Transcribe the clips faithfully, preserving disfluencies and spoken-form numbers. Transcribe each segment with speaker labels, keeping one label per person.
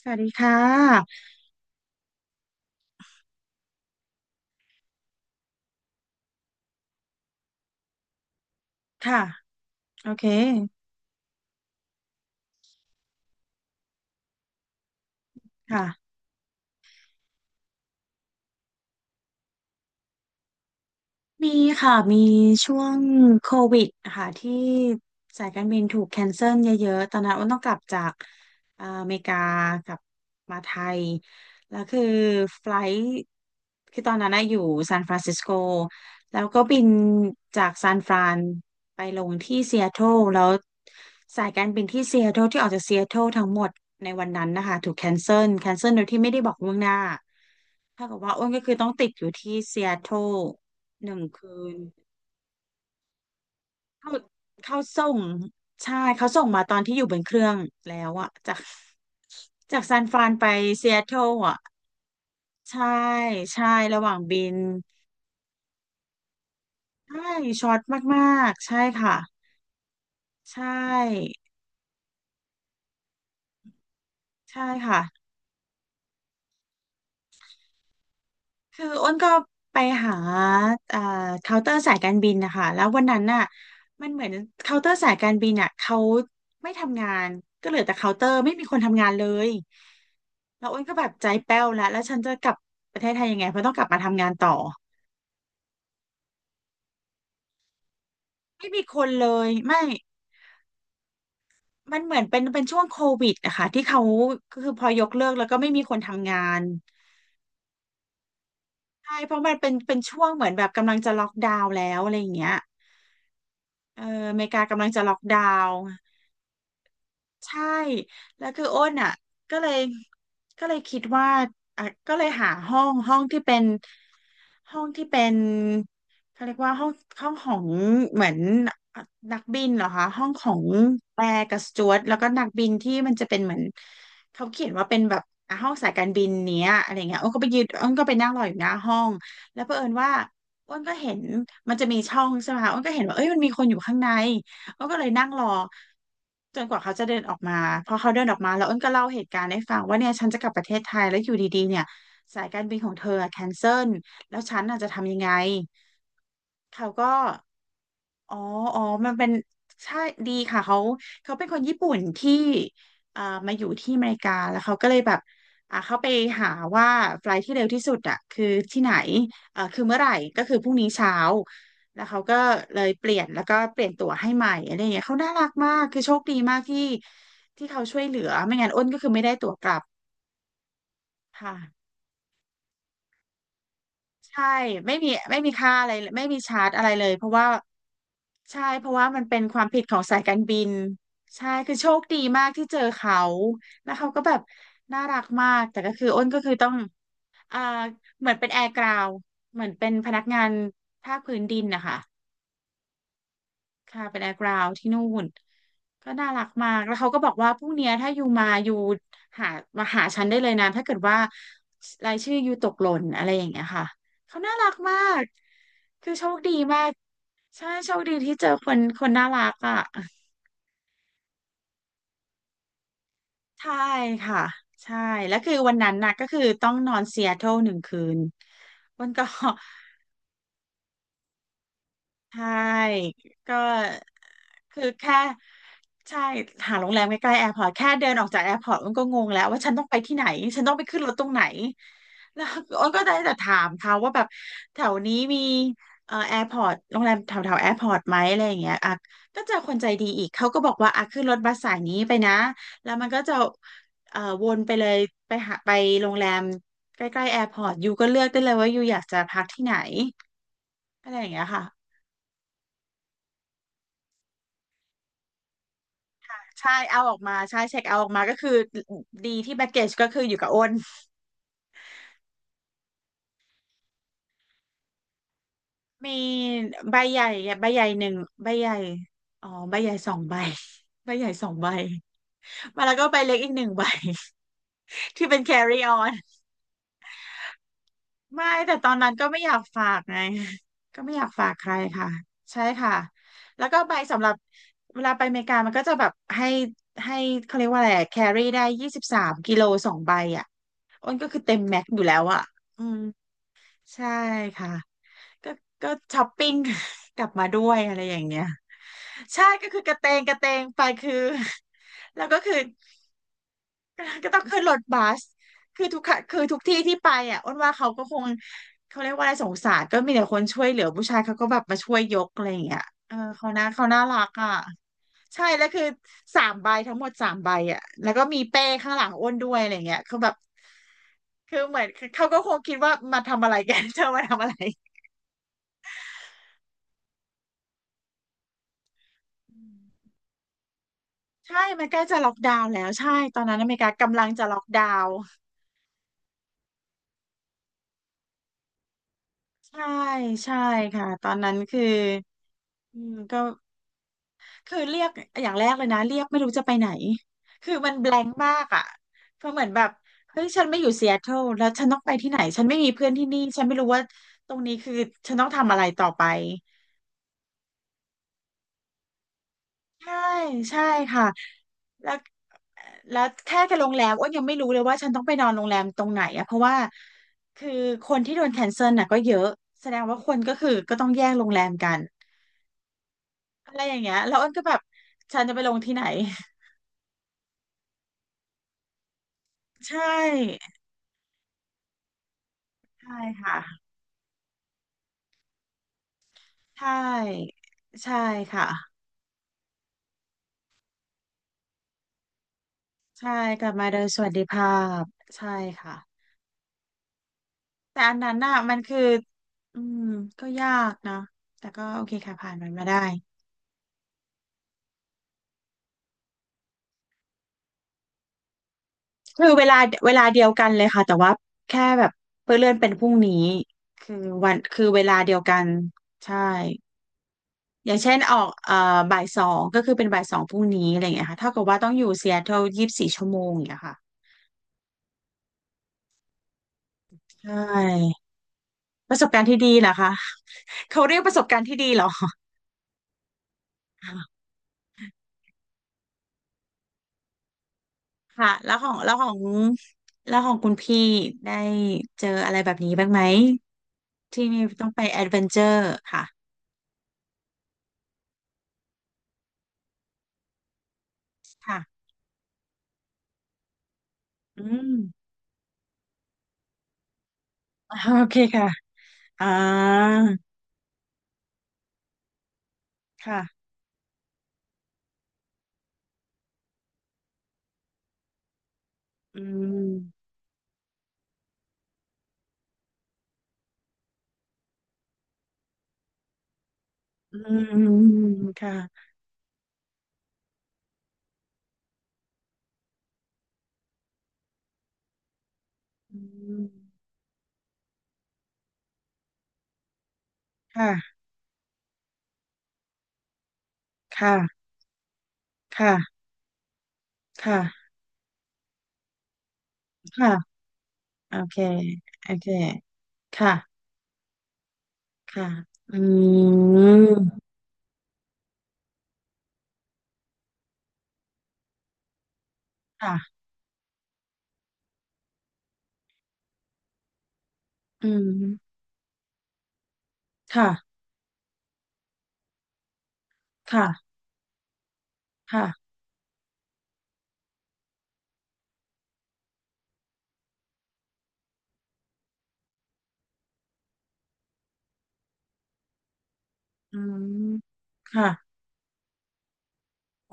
Speaker 1: สวัสดีค่ะค่ะโอเคค่ะมีค่ะมีช่วงโควิดค่ะที่สายการบินถูกแคนเซิลเยอะๆตอนนั้นอ้นต้องกลับจากอ่าอเมริกากลับมาไทยแล้วคือไฟลท์คือตอนนั้นนะอยู่ซานฟรานซิสโกแล้วก็บินจากซานฟรานไปลงที่ซีแอตเทิลแล้วสายการบินที่ซีแอตเทิลที่ออกจากซีแอตเทิลทั้งหมดในวันนั้นนะคะถูกแคนเซิลแคนเซิลโดยที่ไม่ได้บอกล่วงหน้า ถ้ากับว่าอ้วนก็คือต้องติดอยู่ที่ซีแอตเทิลหนึ่งคืนเขาเขาส่งใช่เขาส่งมาตอนที่อยู่บนเครื่องแล้วอะจากจากซานฟรานไปซีแอตเทิลอะใช่ใช่ระหว่างบินใช่ช็อตมากๆใช่ค่ะใช่ใช่ค่ะ คืออ้นก็ไปหาเอ่อเคาน์เตอร์สายการบินนะคะแล้ววันนั้นน่ะมันเหมือนเคาน์เตอร์สายการบินอ่ะเขาไม่ทำงานก็เหลือแต่เคาน์เตอร์ไม่มีคนทำงานเลยแล้วอ้นก็แบบใจแป้วแล้วแล้วฉันจะกลับประเทศไทยยังไงเพราะต้องกลับมาทำงานต่อไม่มีคนเลยไม่มันเหมือนเป็นเป็นช่วงโควิดนะคะที่เขาคือพอยกเลิกแล้วก็ไม่มีคนทำงานใช่เพราะมันเป็นเป็นช่วงเหมือนแบบกำลังจะล็อกดาวน์แล้วอะไรอย่างเงี้ยเอออเมริกากำลังจะล็อกดาวน์ ใช่แล้วคืออ้นอ่ะก็เลยก็เลยคิดว่าอ่ะก็เลยหาห้องห้องที่เป็นห้องที่เป็นเขาเรียกว่าห้องห้องของเหมือนนักบินเหรอคะห้องของแอร์กับสจ๊วตแล้วก็นักบินที่มันจะเป็นเหมือนเขาเขียนว่าเป็นแบบอ่ะห้องสายการบินเนี้ยอะไรเงี้ยอ้นก็ไปยืนอ้นก็ไปนั่งรออยู่หน้าห้องแล้วเผอิญว่าอ้นก็เห็นมันจะมีช่องใช่ไหมคะอ้นก็เห็นว่าเอ้ยมันมีคนอยู่ข้างใน อ้นก็เลยนั่งรอจนกว่าเขาจะเดินออกมาพอเขาเดินออกมาแล้วอ้นก็เล่าเหตุการณ์ให้ฟังว่าเนี่ยฉันจะกลับประเทศไทยแล้วอยู่ดีๆเนี่ยสายการบินของเธอแคนเซิลแล้วฉันน่ะจะทำยังไงเขาก็ อ๋ออ๋อมันเป็นใช่ดีค่ะเขาเขาเป็นคนญี่ปุ่นที่อ่ามาอยู่ที่อเมริกาแล้วเขาก็เลยแบบอ่าเขาไปหาว่าไฟล์ที่เร็วที่สุดอ่ะคือที่ไหนอ่าคือเมื่อไหร่ก็คือพรุ่งนี้เช้าแล้วเขาก็เลยเปลี่ยนแล้วก็เปลี่ยนตั๋วให้ใหม่อะไรอย่างเงี้ยเขาน่ารักมากคือโชคดีมากที่ที่เขาช่วยเหลือไม่งั้นอ้นก็คือไม่ได้ตั๋วกลับค่ะ ใช่ไม่มีไม่มีค่าอะไรเลยไม่มีชาร์จอะไรเลยเพราะว่าใช่เพราะว่ามันเป็นความผิดของสายการบินใช่คือโชคดีมากที่เจอเขาแล้วเขาก็แบบน่ารักมากแต่ก็คืออ้นก็คือต้องอ่าเหมือนเป็นแอร์กราวเหมือนเป็นพนักงานภาคพื้นดินนะคะ ค่ะเป็นแอร์กราวที่นู่นก็น่ารักมากแล้วเขาก็บอกว่าพรุ่งเนี้ยถ้ายูมายูหามาหาฉันได้เลยนะถ้าเกิดว่ารายชื่อยูตกหล่นอะไรอย่างเงี้ยค่ะเขาน่ารักมากคือโชคดีมากใช่โชคดีที่เจอคนคนน่ารักอ่ะใช่ค่ะใช่แล้วคือวันนั้นน่ะก็คือต้องนอนซีแอตเทิลหนึ่งคืนวันก่อน ใช่ก็คือแค่ใช่หาโรงแรมใกล้ๆแอร์พอร์ตแค่เดินออกจากแอร์พอร์ตมันก็งงแล้วว่าฉันต้องไปที่ไหนฉันต้องไปขึ้นรถตรงไหนแล้วอ้นก็ได้แต่ถามเขาว่าแบบแถวนี้มีเอ่อแอร์พอร์ตโรงแรมแถวแถวแอร์พอร์ตไหมอะไรอย่างเงี้ยอ่ะก็เจอคนใจดีอีกเขาก็บอกว่าอ่ะขึ้นรถบัสสายนี้ไปนะแล้วมันก็จะเอ่อวนไปเลยไปหาไปโรงแรมใกล้ๆแอร์พอร์ตยูก็เลือกได้เลยว่ายูอยากจะพักที่ไหนอะไรอย่างเงี้ยค่ะ ใช่เอาออกมาใช่เช็คเอาออกมาก็คือดีที่แบ็กเกจก็คืออยู่กับอ้นมีใบใหญ่อะใบใหญ่หนึ่งใบใหญ่อ๋อใบใหญ่สองใบใบใหญ่สองใบมาแล้วก็ใบเล็กอีกหนึ่งใบ ที่เป็น carry on ไม่แต่ตอนนั้นก็ไม่อยากฝากไงก็ไม่อยากฝากใครค่ะใช่ค่ะแล้วก็ใบสำหรับเวลาไปอเมริกามันก็จะแบบให้ให้เขาเรียกว่าอะไรแครี่ได้ยี่สิบสามกิโลสองใบอ่ะอ้นก็คือเต็มแม็กซ์อยู่แล้วอ่ะอืม ใช่ค่ะก็ก็ช้อปปิ้ง กลับมาด้วยอะไรอย่างเงี้ย ใช่ก็คือกระเตงกระเตงไปคือ แล้วก็คือ ก็ต้องขึ้นรถบัสคือทุกคคือทุกที่ที่ไปอ่ะอ้นว่าเขาก็คงเขาเรียกว่าอะไรสงสารก็มีแต่คนช่วยเหลือผู้ชายเขาก็แบบมาช่วยยกอะไรอย่างเงี้ยเออเขาน่าเขาน่ารักอ่ะใช่แล้วคือสามใบทั้งหมดสามใบอ่ะแล้วก็มีเป้ข้างหลังอ้นด้วยอะไรเงี้ยคือแบบคือเหมือนเขาก็คงคิดว่ามาทำอะไรกัน เธอมาทำอะไร ใช่มันใกล้จะล็อกดาวน์แล้ว ใช่ตอนนั้นอเมริกากำลังจะล็อกดาวน์ใช่ใช่ค่ะตอนนั้นคืออืมก็คือเรียกอย่างแรกเลยนะเรียกไม่รู้จะไปไหนคือมันแบ a ง k มากอ่ะเพราะเหมือนแบบเฮ้ยฉันไม่อยู่ซีแอตเทิลแล้วฉันต้องไปที่ไหนฉันไม่มีเพื่อนที่นี่ฉันไม่รู้ว่าตรงนี้คือฉันต้องทำอะไรต่อไปใช่ใช่ค่ะ แล้วแล้วแค่กับโรงแรมอ้วนยังไม่รู้เลยว่าฉันต้องไปนอนโรงแรมตรงไหนอะเพราะว่าคือคนที่โดนแคนเซิลน่ะก็เยอะแสดงว่าคนก็คือก็ต้องแย่งโรงแรมกันอะไรอย่างเงี้ยแล้วอ้วนก็แบบฉันจะไปลงที่ไหน ใช่ใช่ค่ะใช่ใช่ค่ะใช่กลับมาโดยสวัสดิภาพใช่ค่ะแต่อันนั้นน่ะมันคืออืมก็ยากนะแต่ก็โอเคค่ะผ่านมันมาได้ คือเวลาเวลาเดียวกันเลยค่ะแต่ว่าแค่แบบเพื่อเลื่อนเป็นพรุ่งนี้คือวันคือเวลาเดียวกันใช่อย่างเช่นออกเอ่อบ่ายสองก็คือเป็นบ่ายสองพรุ่งนี้อะไรอย่างเงี้ยค่ะเท่ากับว่าต้องอยู่ซีแอตเทิลยี่สิบสี่ชั่วโมงอย่างเงี้ยค่ะใช่ประสบการณ์ที่ดีเหรอคะ เขาเรียกประสบการณ์ที่ดีเหรอ ค่ะแล้วของแล้วของแล้วของคุณพี่ได้เจออะไรแบบนี้บ้างไหมที่มีต้องไปแอดเวนเจอร์ค่ะค่ะอืม โอเคค่ะ อ่าค่ะอืมอืมค่ะอืมค่ะค่ะค่ะค่ะค่ะโอเคโอเคค่ะค่ะอืมค่ะอืมค่ะค่ะค่ะอืมค่ะ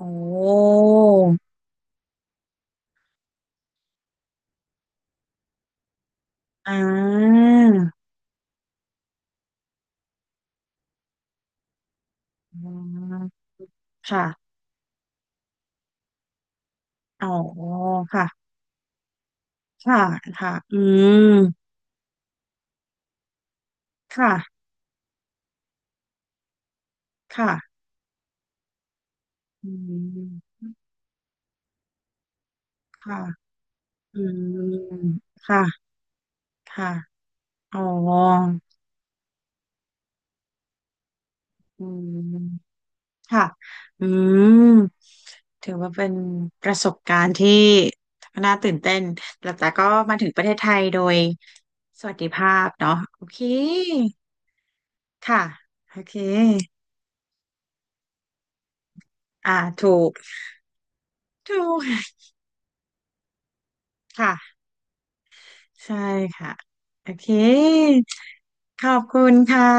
Speaker 1: โอ้อ่าอืมค่ะอ๋อค่ะค่ะค่ะอืมค่ะค่ะอืมค่ะ อืมค่ะค่ะอ๋ออืมค่ะอืมถือว่าเป็นประสบการณ์ที่น่าตื่นเต้นแล้วแต่ก็มาถึงประเทศไทยโดยสวัสดิภาพเนาะโอเคค่ะโอเคอ่าถูกถูกค่ะใช่ค่ะโอเคขอบคุณค่ะ